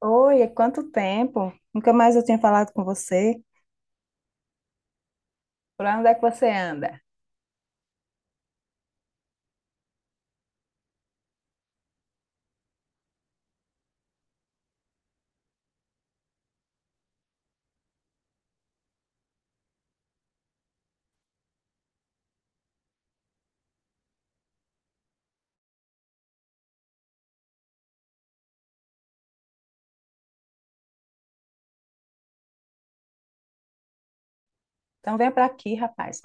Oi, quanto tempo? Nunca mais eu tinha falado com você. Por onde é que você anda? Então vem pra aqui, rapaz.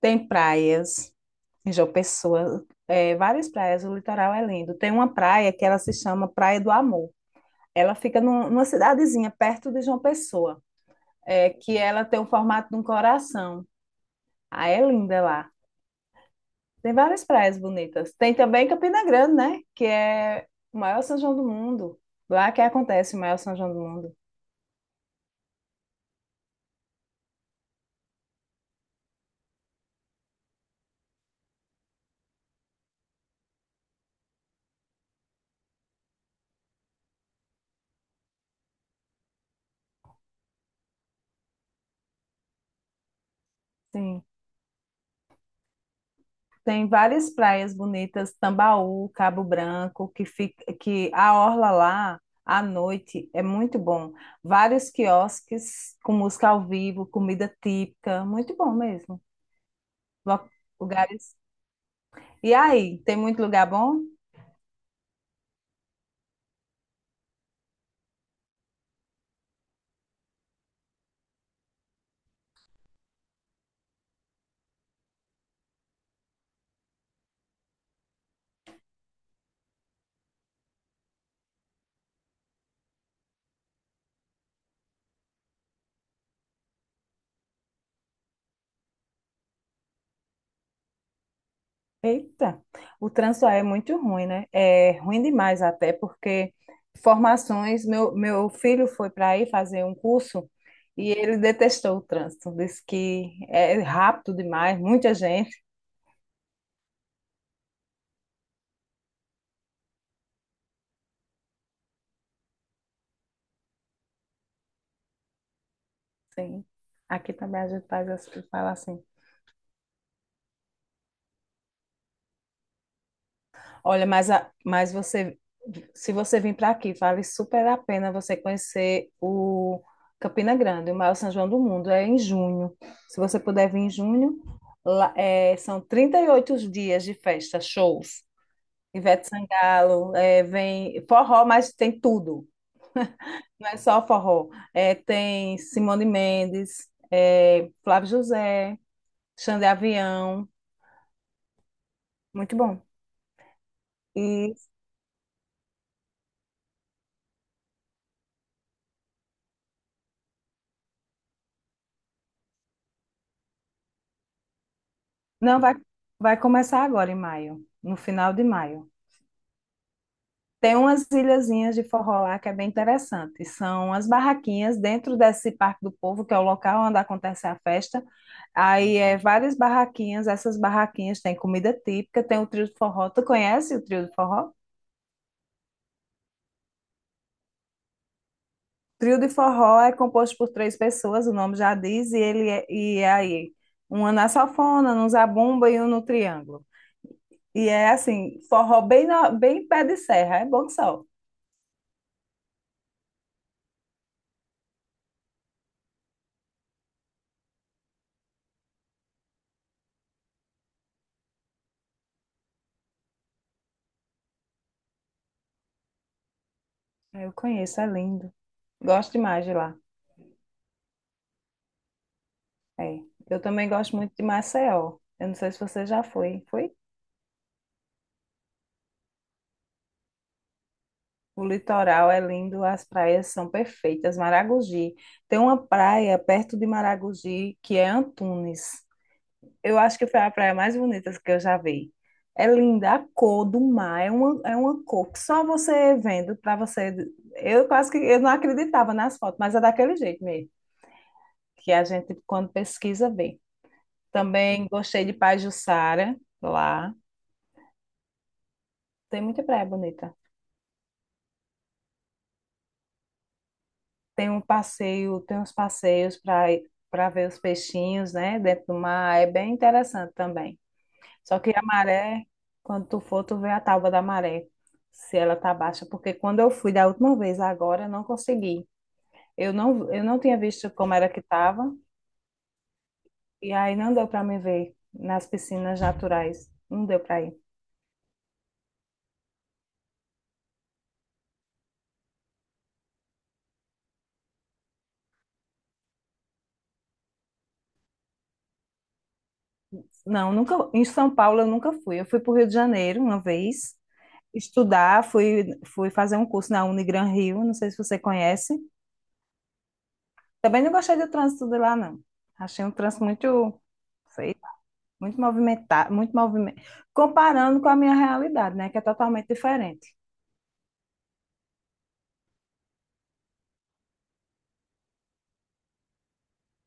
Tem praias em João Pessoa, várias praias, o litoral é lindo. Tem uma praia que ela se chama Praia do Amor. Ela fica numa cidadezinha perto de João Pessoa, que ela tem o formato de um coração. Ah, é linda lá. Tem várias praias bonitas. Tem também Campina Grande, né? Que é o maior São João do mundo. Lá que acontece o maior São João do mundo. Sim. Tem várias praias bonitas, Tambaú, Cabo Branco, que a orla lá à noite é muito bom. Vários quiosques com música ao vivo, comida típica, muito bom mesmo. Lo- Lugares. E aí, tem muito lugar bom? Eita, o trânsito aí é muito ruim, né? É ruim demais até porque formações, meu filho foi para aí fazer um curso e ele detestou o trânsito, disse que é rápido demais, muita gente. Sim. Aqui também a gente fala assim. Olha, mas você, se você vir para aqui, vale super a pena você conhecer o Campina Grande, o maior São João do mundo. É em junho. Se você puder vir em junho, lá, é, são 38 dias de festa, shows. Ivete Sangalo, é, vem forró, mas tem tudo. Não é só forró. É, tem Simone Mendes, é, Flávio José, Xande Avião. Muito bom. E Não, vai, vai começar agora em maio, no final de maio. Tem umas ilhazinhas de forró lá que é bem interessante. São as barraquinhas dentro desse Parque do Povo, que é o local onde acontece a festa. Aí é várias barraquinhas, essas barraquinhas têm comida típica, tem o trio de forró. Tu conhece o trio de forró? Trio de forró é composto por três pessoas, o nome já diz, e é aí uma na sanfona, um zabumba e um no triângulo. E é assim, bem pé de serra, é bom que só. Ah, eu conheço, é lindo. Gosto demais de lá. É. Eu também gosto muito de Maceió. Eu não sei se você já foi. Foi? O litoral é lindo, as praias são perfeitas. Maragogi. Tem uma praia perto de Maragogi que é Antunes. Eu acho que foi a praia mais bonita que eu já vi. É linda, a cor do mar é uma cor que só você vendo para você. Eu quase que eu não acreditava nas fotos, mas é daquele jeito mesmo, que a gente, quando pesquisa, vê. Também gostei de Pajuçara, lá. Tem muita praia bonita. Tem um passeio, tem uns passeios para ver os peixinhos, né, dentro do mar. É bem interessante também. Só que a maré, quando tu for, tu vê a tábua da maré, se ela tá baixa, porque quando eu fui da última vez, agora eu não consegui. Eu não tinha visto como era que tava e aí não deu para me ver nas piscinas naturais. Não deu para ir. Não, nunca em São Paulo eu nunca fui. Eu fui para o Rio de Janeiro uma vez. Estudar, fui fazer um curso na Unigran Rio, não sei se você conhece. Também não gostei do trânsito de lá, não. Achei um trânsito sei lá, muito movimentado, muito movimento. Comparando com a minha realidade, né, que é totalmente diferente.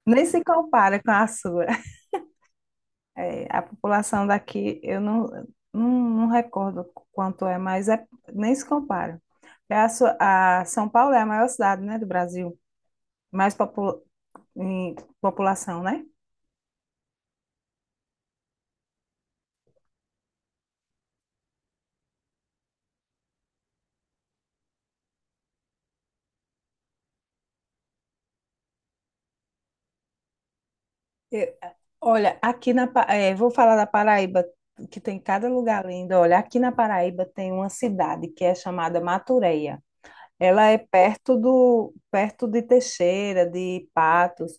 Nem se compara com a sua. É, a população daqui, eu não, não, não recordo quanto é, mas é, nem se compara. É a São Paulo é a maior cidade, né, do Brasil, mais popu- em população, né? Eu- olha, aqui na, Pa- eh, vou falar da Paraíba, que tem cada lugar lindo. Olha, aqui na Paraíba tem uma cidade que é chamada Matureia. Ela é perto de Teixeira, de Patos.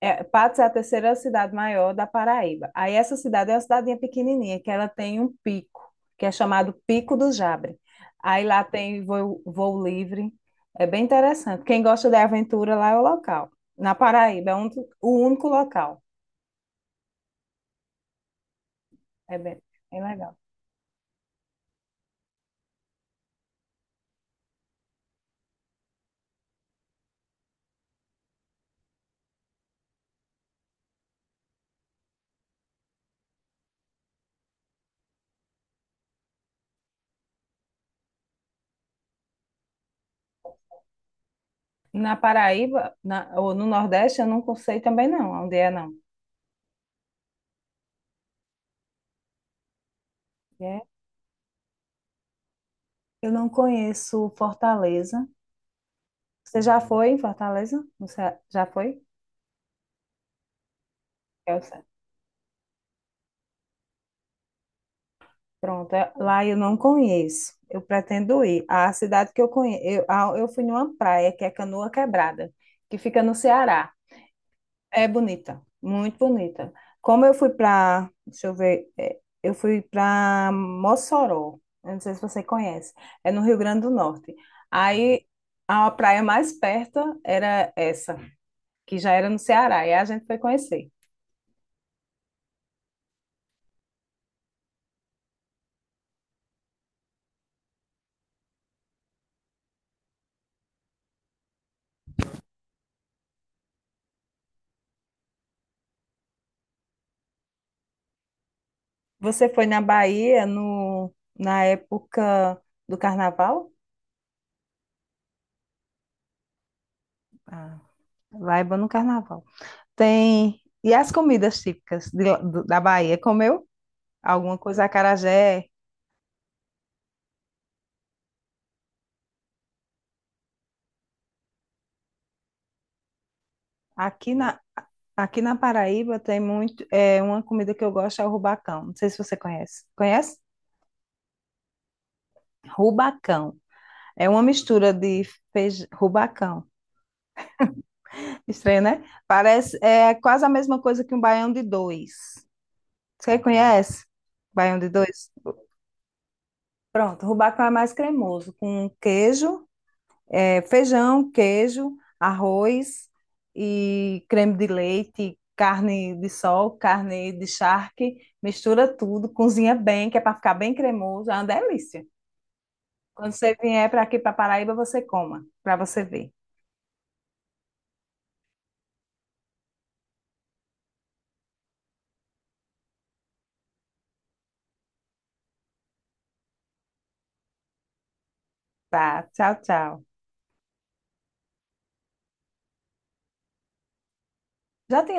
É, Patos é a terceira cidade maior da Paraíba. Aí essa cidade é uma cidadinha pequenininha, que ela tem um pico, que é chamado Pico do Jabre. Aí lá tem voo livre. É bem interessante. Quem gosta de aventura lá é o local. Na Paraíba, o único local. É bem, bem legal. Na Paraíba, ou no Nordeste, eu não sei também não, onde é não. É. Eu não conheço Fortaleza. Você já foi em Fortaleza? Você já foi? Pronto, lá eu não conheço. Eu pretendo ir. A cidade que eu conheço, eu fui numa praia que é Canoa Quebrada, que fica no Ceará. É bonita, muito bonita. Como eu fui para, deixa eu ver, é, eu fui para Mossoró. Eu não sei se você conhece. É no Rio Grande do Norte. Aí a praia mais perto era essa, que já era no Ceará, e a gente foi conhecer. Você foi na Bahia no, na época do carnaval? Ah, vaiba no carnaval. Tem. E as comidas típicas da Bahia? Comeu alguma coisa? Acarajé. Aqui na, aqui na Paraíba tem muito. É, uma comida que eu gosto é o rubacão. Não sei se você conhece. Conhece? Rubacão. É uma mistura de feijão. Rubacão. Estranho, né? Parece. É quase a mesma coisa que um baião de dois. Você conhece? Baião de dois? Pronto, o rubacão é mais cremoso, com queijo. É, feijão, queijo, arroz e creme de leite, carne de sol, carne de charque, mistura tudo, cozinha bem, que é para ficar bem cremoso, é uma delícia. Quando você vier para aqui para Paraíba, você coma, para você ver. Tá, tchau, tchau. Já tinha